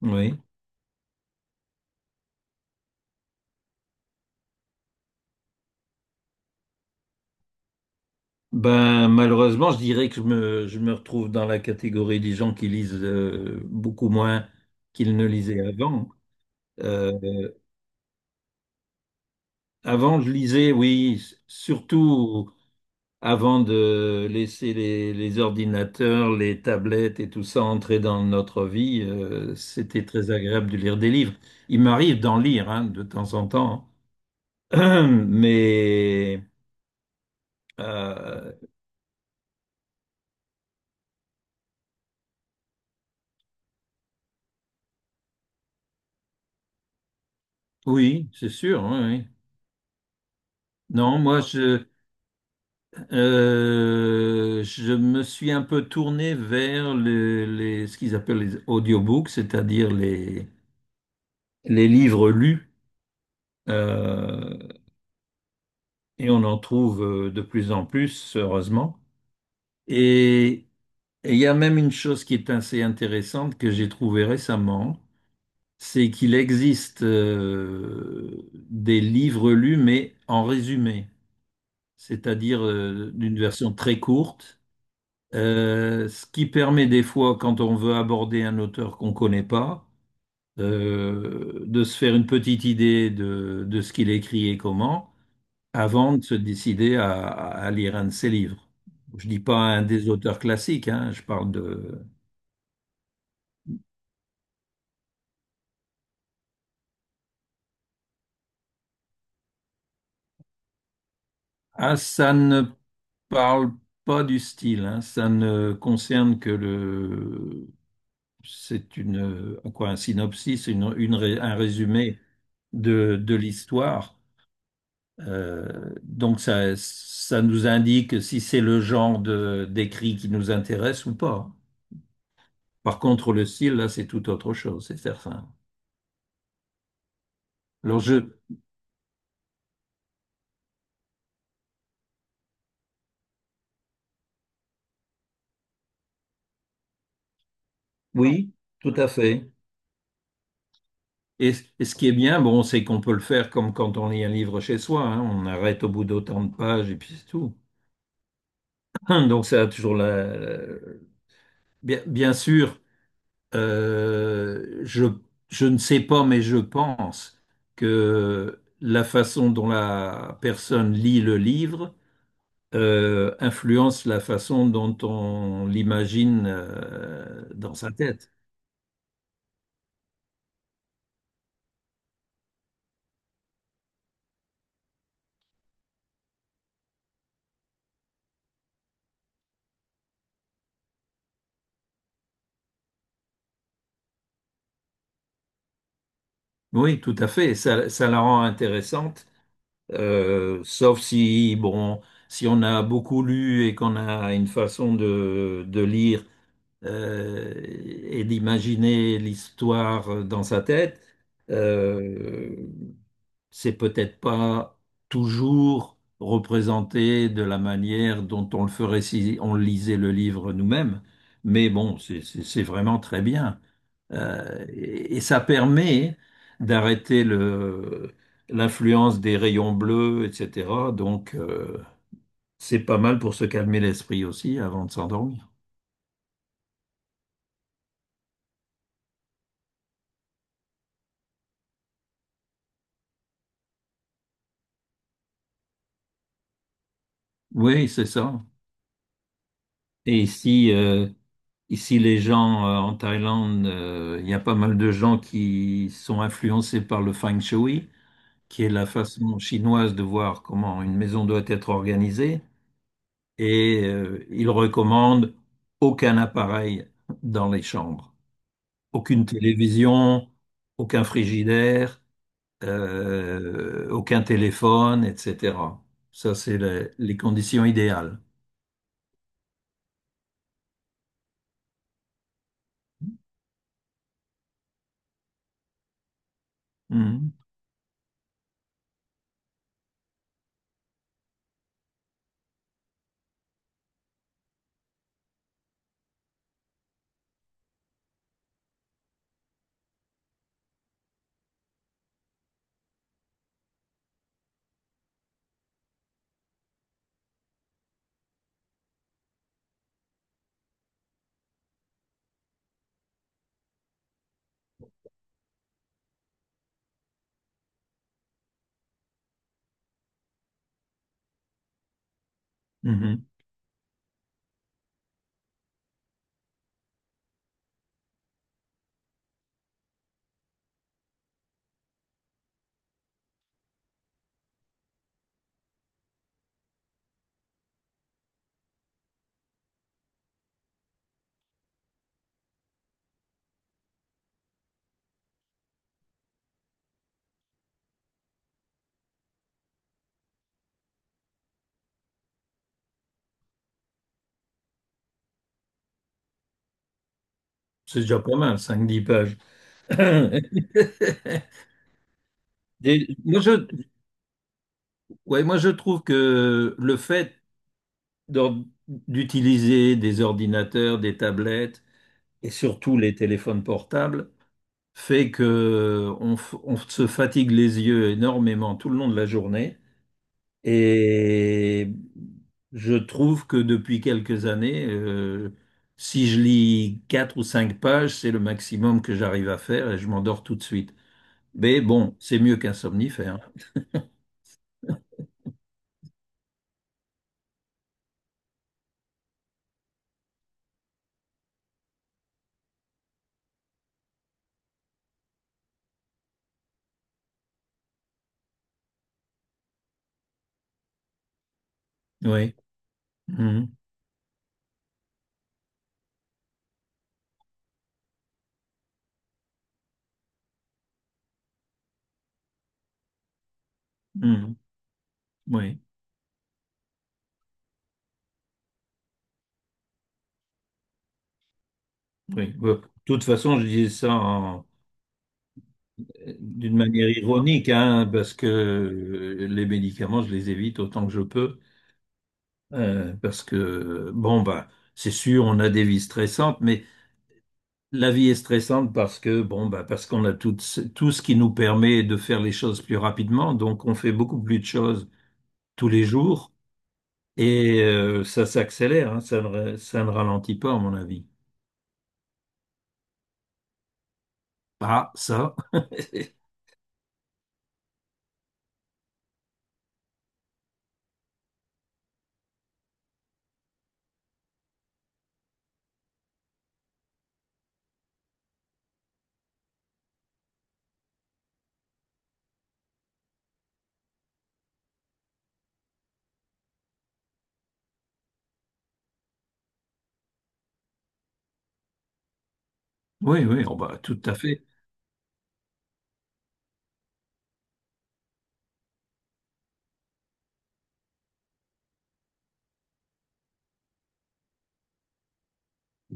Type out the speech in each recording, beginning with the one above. Oui. Malheureusement, je dirais que je me retrouve dans la catégorie des gens qui lisent beaucoup moins qu'ils ne lisaient avant. Euh, Avant, je lisais, oui, surtout avant de laisser les ordinateurs, les tablettes et tout ça entrer dans notre vie. C'était très agréable de lire des livres. Il m'arrive d'en lire hein, de temps en temps, hein. Mais euh, oui, c'est sûr. Oui. Oui. Non, moi, je me suis un peu tourné vers ce qu'ils appellent les audiobooks, c'est-à-dire les livres lus, euh, et on en trouve de plus en plus, heureusement. Et et il y a même une chose qui est assez intéressante que j'ai trouvée récemment, c'est qu'il existe des livres lus, mais en résumé, c'est-à-dire d'une version très courte. Ce qui permet des fois, quand on veut aborder un auteur qu'on ne connaît pas, de se faire une petite idée de ce qu'il écrit et comment, avant de se décider à lire un de ses livres. Je dis pas un des auteurs classiques, hein, je parle de... Ah, ça ne parle pas du style, hein, ça ne concerne que le... C'est une... Quoi, un synopsis, un résumé de l'histoire. Donc ça nous indique si c'est le genre de d'écrit qui nous intéresse ou pas. Par contre, le style, là, c'est tout autre chose, c'est certain. Alors je, oui, tout à fait. Et, et ce qui est bien, bon, c'est qu'on peut le faire comme quand on lit un livre chez soi. Hein. On arrête au bout d'autant de pages et puis c'est tout. Donc ça a toujours la... Bien, bien sûr. Euh, je, je ne sais pas, mais je pense que la façon dont la personne lit le livre influence la façon dont on l'imagine dans sa tête. Oui, tout à fait. Ça la rend intéressante, sauf si, bon, si on a beaucoup lu et qu'on a une façon de lire euh, et d'imaginer l'histoire dans sa tête. Euh, c'est peut-être pas toujours représenté de la manière dont on le ferait si on lisait le livre nous-mêmes, mais bon, c'est vraiment très bien. Et ça permet d'arrêter l'influence des rayons bleus, etc. Donc, c'est pas mal pour se calmer l'esprit aussi avant de s'endormir. Oui, c'est ça. Et si Ici, les gens en Thaïlande, il y a pas mal de gens qui sont influencés par le Feng Shui, qui est la façon chinoise de voir comment une maison doit être organisée. Et ils recommandent aucun appareil dans les chambres, aucune télévision, aucun frigidaire, aucun téléphone, etc. Ça, c'est les conditions idéales. Mhm. Mhm. C'est déjà pas mal, cinq dix pages. Des- moi, je, ouais, moi, je trouve que le fait d'utiliser des ordinateurs, des tablettes et surtout les téléphones portables fait que on se fatigue les yeux énormément tout le long de la journée. Et je trouve que depuis quelques années, si je lis quatre ou cinq pages, c'est le maximum que j'arrive à faire et je m'endors tout de suite. Mais bon, c'est mieux qu'un somnifère. Oui. Mhm. Mhm. Oui. Oui. Bon, de toute façon, je disais ça en- d'une manière ironique, hein, parce que les médicaments, je les évite autant que je peux, parce que, bon, bah, c'est sûr, on a des vies stressantes, mais la vie est stressante parce que, bon, bah, parce qu'on a tout, tout ce qui nous permet de faire les choses plus rapidement, donc on fait beaucoup plus de choses tous les jours, et ça s'accélère, hein, ça ne ralentit pas, à mon avis. Ah, ça. Oui, oui, oh, bah, tout à fait.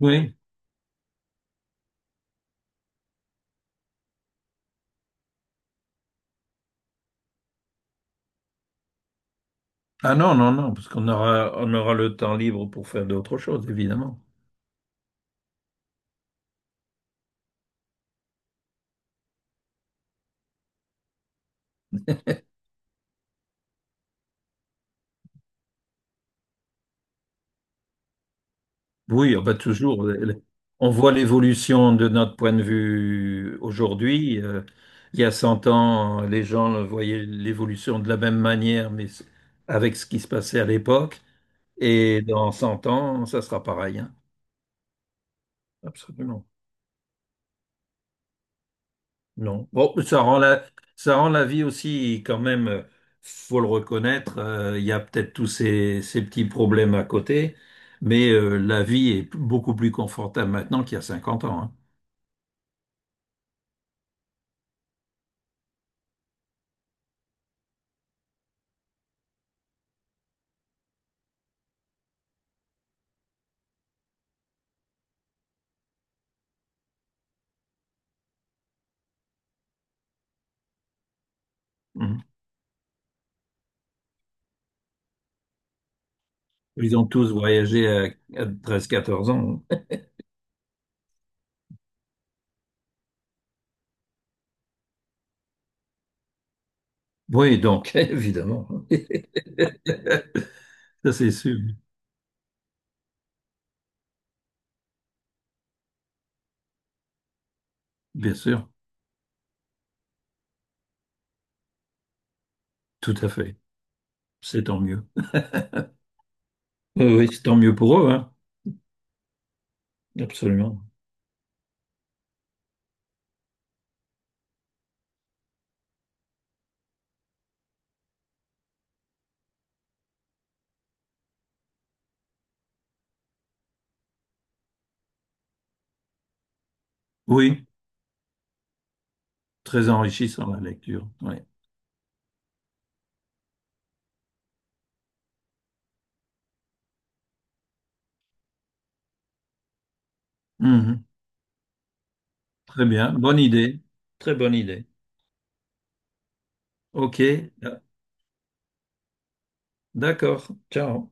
Oui. Ah non, non, non, parce qu'on aura le temps libre pour faire d'autres choses, évidemment. Oui, ah bah toujours. On voit l'évolution de notre point de vue aujourd'hui. Il y a 100 ans, les gens voyaient l'évolution de la même manière, mais avec ce qui se passait à l'époque. Et dans 100 ans, ça sera pareil, hein. Absolument. Non. Bon, ça rend la vie aussi quand même, faut le reconnaître, il y a peut-être tous ces petits problèmes à côté, mais la vie est beaucoup plus confortable maintenant qu'il y a 50 ans. Hein. Mhm. Ils ont tous voyagé à 13-14 ans. Oui, donc, évidemment. Hein. Ça, c'est sûr. Bien sûr. Tout à fait. C'est tant mieux. Oui, c'est tant mieux pour eux, hein. Absolument. Oui, très enrichissant la lecture. Oui. Mhm. Très bien. Bonne idée. Très bonne idée. Ok, d'accord. Ciao.